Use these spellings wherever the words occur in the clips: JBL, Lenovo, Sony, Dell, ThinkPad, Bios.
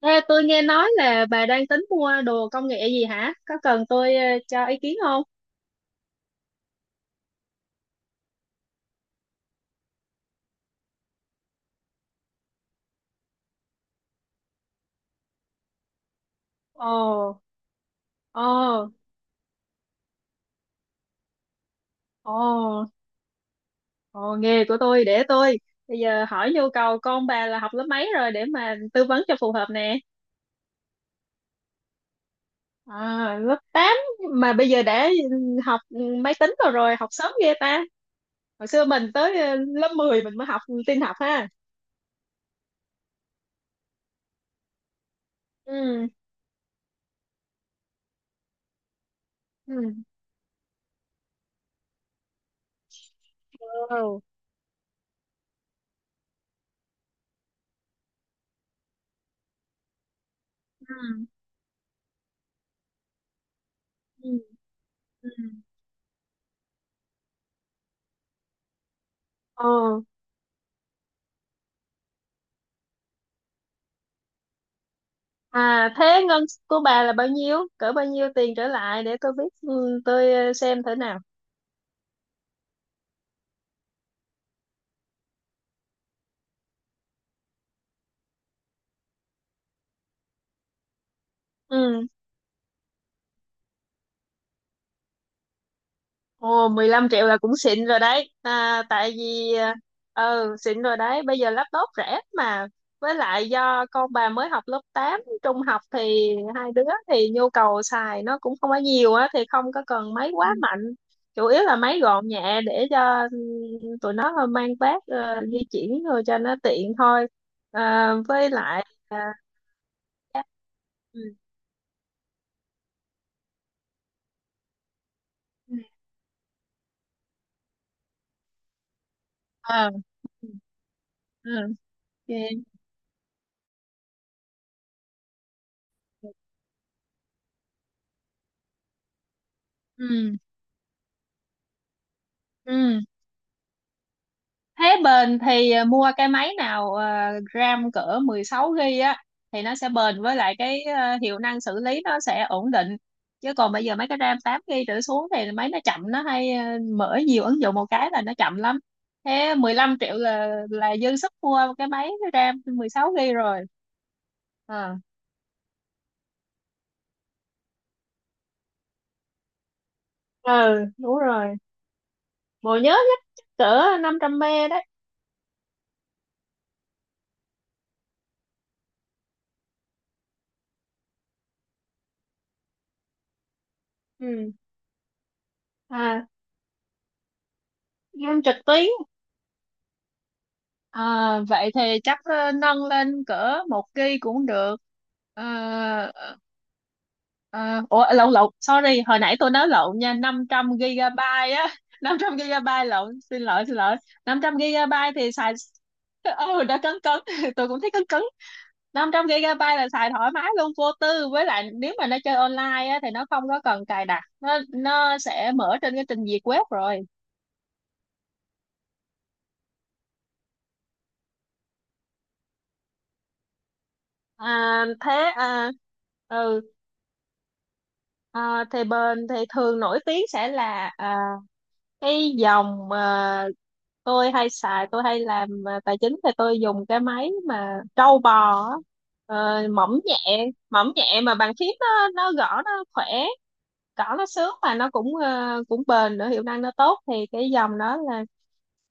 Ê, tôi nghe nói là bà đang tính mua đồ công nghệ gì hả? Có cần tôi cho ý kiến không? Ồ, ồ, ồ, ồ, nghề của tôi để tôi. Bây giờ hỏi nhu cầu con bà là học lớp mấy rồi để mà tư vấn cho phù hợp nè. À, lớp 8 mà bây giờ đã học máy tính rồi rồi, học sớm ghê ta. Hồi xưa mình tới lớp mười mình mới học tin học ha. Ừ, ừ. Wow. Ừ, ừ, ừ. Ồ. À thế ngân của bà là bao nhiêu? Cỡ bao nhiêu tiền trở lại để tôi biết, ừ, tôi xem thử nào. Ừ. Ồ, 15 triệu là cũng xịn rồi đấy. À, tại vì ờ ừ, xịn rồi đấy, bây giờ laptop rẻ mà. Với lại do con bà mới học lớp 8 trung học thì hai đứa thì nhu cầu xài nó cũng không có nhiều á thì không có cần máy, ừ, quá, ừ, mạnh. Chủ yếu là máy gọn nhẹ để cho tụi nó mang vác di chuyển rồi cho nó tiện thôi. À, với lại à, chắc- ừ. Ừ. Ờ, ừ. Ừ. Ok. Ừ. Ừ. Thế bền thì mua cái máy nào RAM cỡ 16 GB á thì nó sẽ bền, với lại cái hiệu năng xử lý nó sẽ ổn định. Chứ còn bây giờ mấy cái RAM 8 GB trở xuống thì máy nó chậm, nó hay mở nhiều ứng dụng một cái là nó chậm lắm. Thế 15 triệu là dư sức mua cái máy RAM 16 GB rồi. Ờ. Ừ, đúng rồi, bộ nhớ nhất chắc cỡ 500 mê đấy. Ừ. À, game trực tuyến. À, vậy thì chắc nâng lên cỡ một kg cũng được. Ờ, ờ, ờ, ủa, lộn lộn, sorry, hồi nãy tôi nói lộn nha, 500 gigabyte á, năm trăm gigabyte lộn, xin lỗi. Năm trăm gigabyte thì xài. Ừ đã cấn cấn, tôi cũng thấy cấn cấn. Năm trăm gigabyte là xài thoải mái luôn, vô tư, với lại nếu mà nó chơi online á, thì nó không có cần cài đặt, nó sẽ mở trên cái trình duyệt web rồi. À thế à ừ. Ờ, thì bên thì thường nổi tiếng sẽ là cái dòng mà tôi hay xài, tôi hay làm tài chính thì tôi dùng cái máy mà trâu bò á. Ờ, mỏng nhẹ mà bàn phím nó gõ nó khỏe, gõ nó sướng mà nó cũng cũng bền nữa, hiệu năng nó tốt, thì cái dòng đó là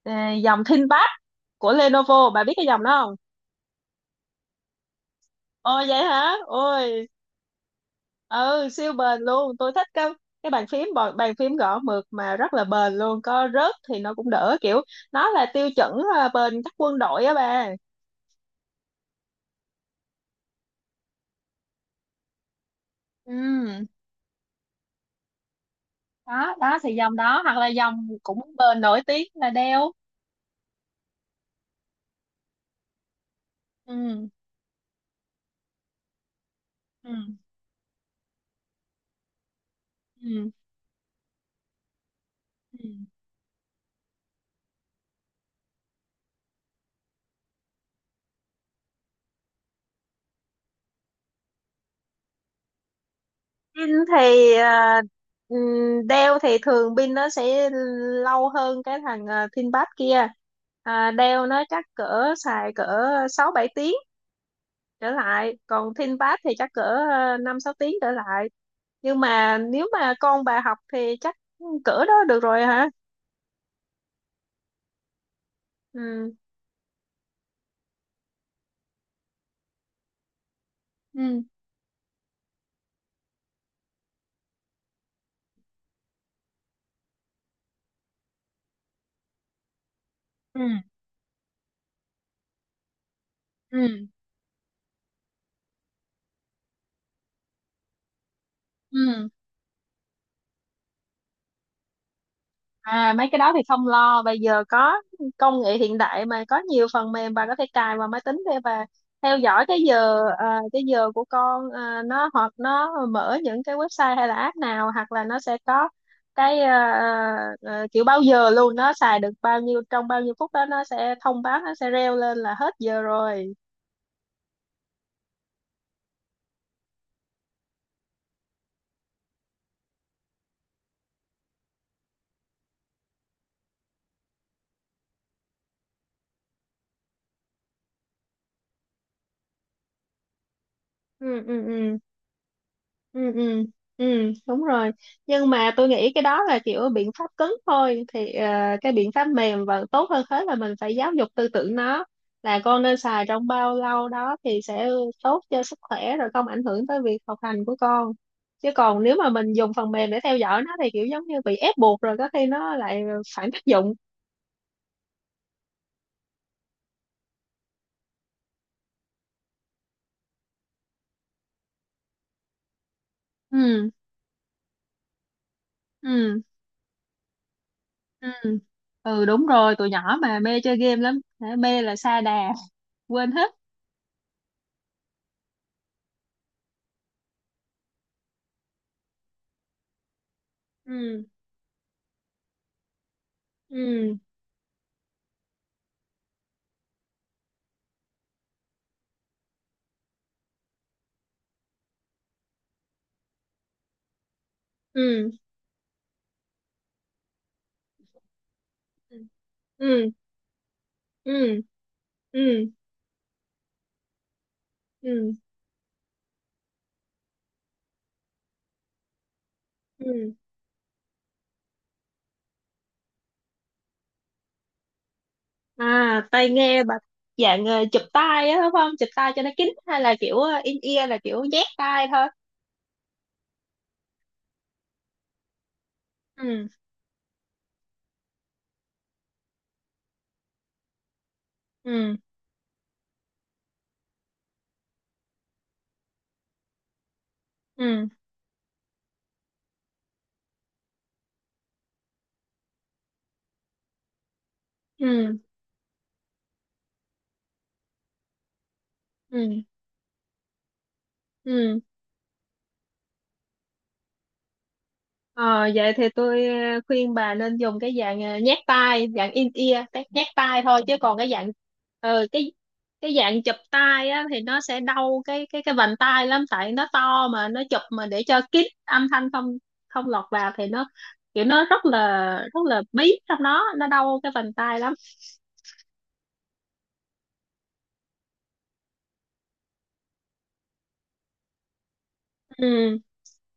ờ, dòng ThinkPad của Lenovo, bà biết cái dòng đó không? Ồ vậy hả? Ôi, ừ, siêu bền luôn, tôi thích cái bàn phím gõ mượt mà rất là bền luôn, có rớt thì nó cũng đỡ, kiểu nó là tiêu chuẩn bền các quân đội á bà. Ừ, đó đó, thì dòng đó hoặc là dòng cũng bền nổi tiếng là Dell. Ừ, ừ, ừ, ừ. Pin thì đeo thì thường pin nó sẽ lâu hơn cái thằng ThinkPad kia. À, đeo nó chắc cỡ xài cỡ sáu bảy tiếng trở lại, còn Thiên Pass thì chắc cỡ năm sáu tiếng trở lại, nhưng mà nếu mà con bà học thì chắc cỡ đó được rồi hả. Ừ, ừ, ừ, ừ, ừ. À mấy cái đó thì không lo, bây giờ có công nghệ hiện đại mà, có nhiều phần mềm bà có thể cài vào máy tính để bà theo dõi cái giờ cái giờ của con nó, hoặc nó mở những cái website hay là app nào, hoặc là nó sẽ có cái kiểu bao giờ luôn nó xài được bao nhiêu trong bao nhiêu phút đó, nó sẽ thông báo, nó sẽ reo lên là hết giờ rồi. Ừ, ừ, ừ, ừ, ừ, ừ, đúng rồi. Nhưng mà tôi nghĩ cái đó là kiểu biện pháp cứng thôi, thì cái biện pháp mềm và tốt hơn hết là mình phải giáo dục tư tưởng nó, là con nên xài trong bao lâu đó thì sẽ tốt cho sức khỏe, rồi không ảnh hưởng tới việc học hành của con. Chứ còn nếu mà mình dùng phần mềm để theo dõi nó thì kiểu giống như bị ép buộc, rồi có khi nó lại phản tác dụng. Ừ, ừ, ừ, ừ đúng rồi, tụi nhỏ mà mê chơi game lắm, mê là sa đà, quên hết. Ừ, ừ, ừ, ừ, ừ, ừ, ừ, ừ. À tai nghe bà dạng chụp tai á đúng không, chụp tai cho nó kín, hay là kiểu in ear là kiểu nhét tai thôi? Ừ, ừ, ừ, ừ, ừ, ừ. Ờ, vậy thì tôi khuyên bà nên dùng cái dạng nhét tai, dạng in ear, cái nhét tai thôi, chứ còn cái dạng ờ, cái cái dạng chụp tai á thì nó sẽ đau cái cái vành tai lắm, tại nó to mà nó chụp mà để cho kín âm thanh không không lọt vào, thì nó kiểu nó rất là bí trong đó, nó đau cái vành tai lắm. Ừ.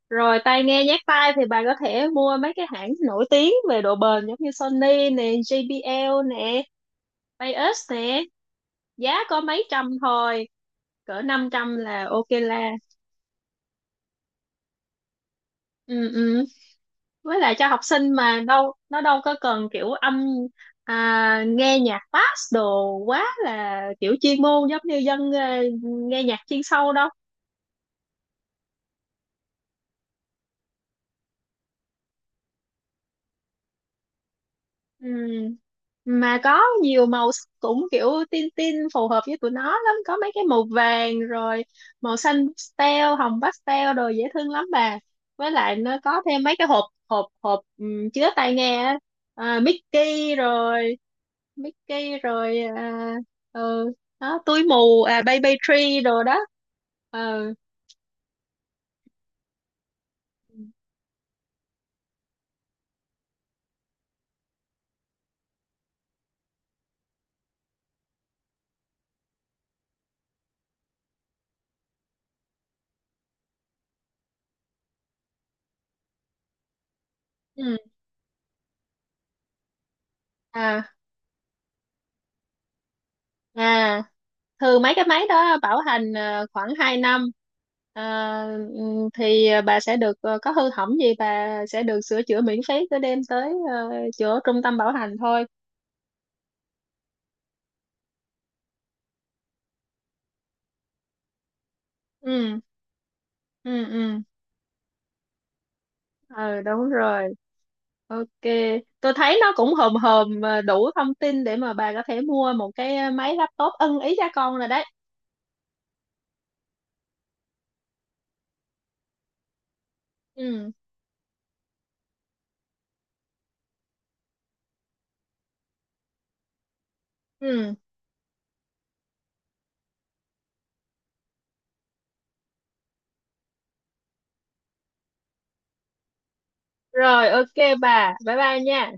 Rồi tai nghe nhét tai thì bà có thể mua mấy cái hãng nổi tiếng về độ bền giống như Sony nè, JBL nè, Bios nè, giá có mấy trăm thôi, cỡ năm trăm là ok la. Ừ, ừ, với lại cho học sinh mà, đâu nó đâu có cần kiểu âm nghe nhạc bass đồ quá, là kiểu chuyên môn giống như dân nghe nhạc chuyên sâu đâu. Ừ. Mà có nhiều cũng kiểu tin tin phù hợp với tụi nó lắm, có mấy cái màu vàng rồi màu xanh pastel, hồng pastel đồ dễ thương lắm bà, với lại nó có thêm mấy cái hộp hộp hộp chứa tai nghe á. À, Mickey rồi à, ừ, đó túi mù à, baby tree đồ đó. Ừ. Ừ. ừ à à Thường mấy cái máy đó bảo hành khoảng 2 năm. Ờ, thì bà sẽ được có hư hỏng gì bà sẽ được sửa chữa miễn phí, cứ đem tới chỗ trung tâm bảo hành thôi. Ừ, ừ, ừ, ừ đúng rồi, ok. Tôi thấy nó cũng hòm hòm đủ thông tin để mà bà có thể mua một cái máy laptop ưng ý cho con rồi đấy. Ừ, ừ, rồi ok, bà bye bye nha.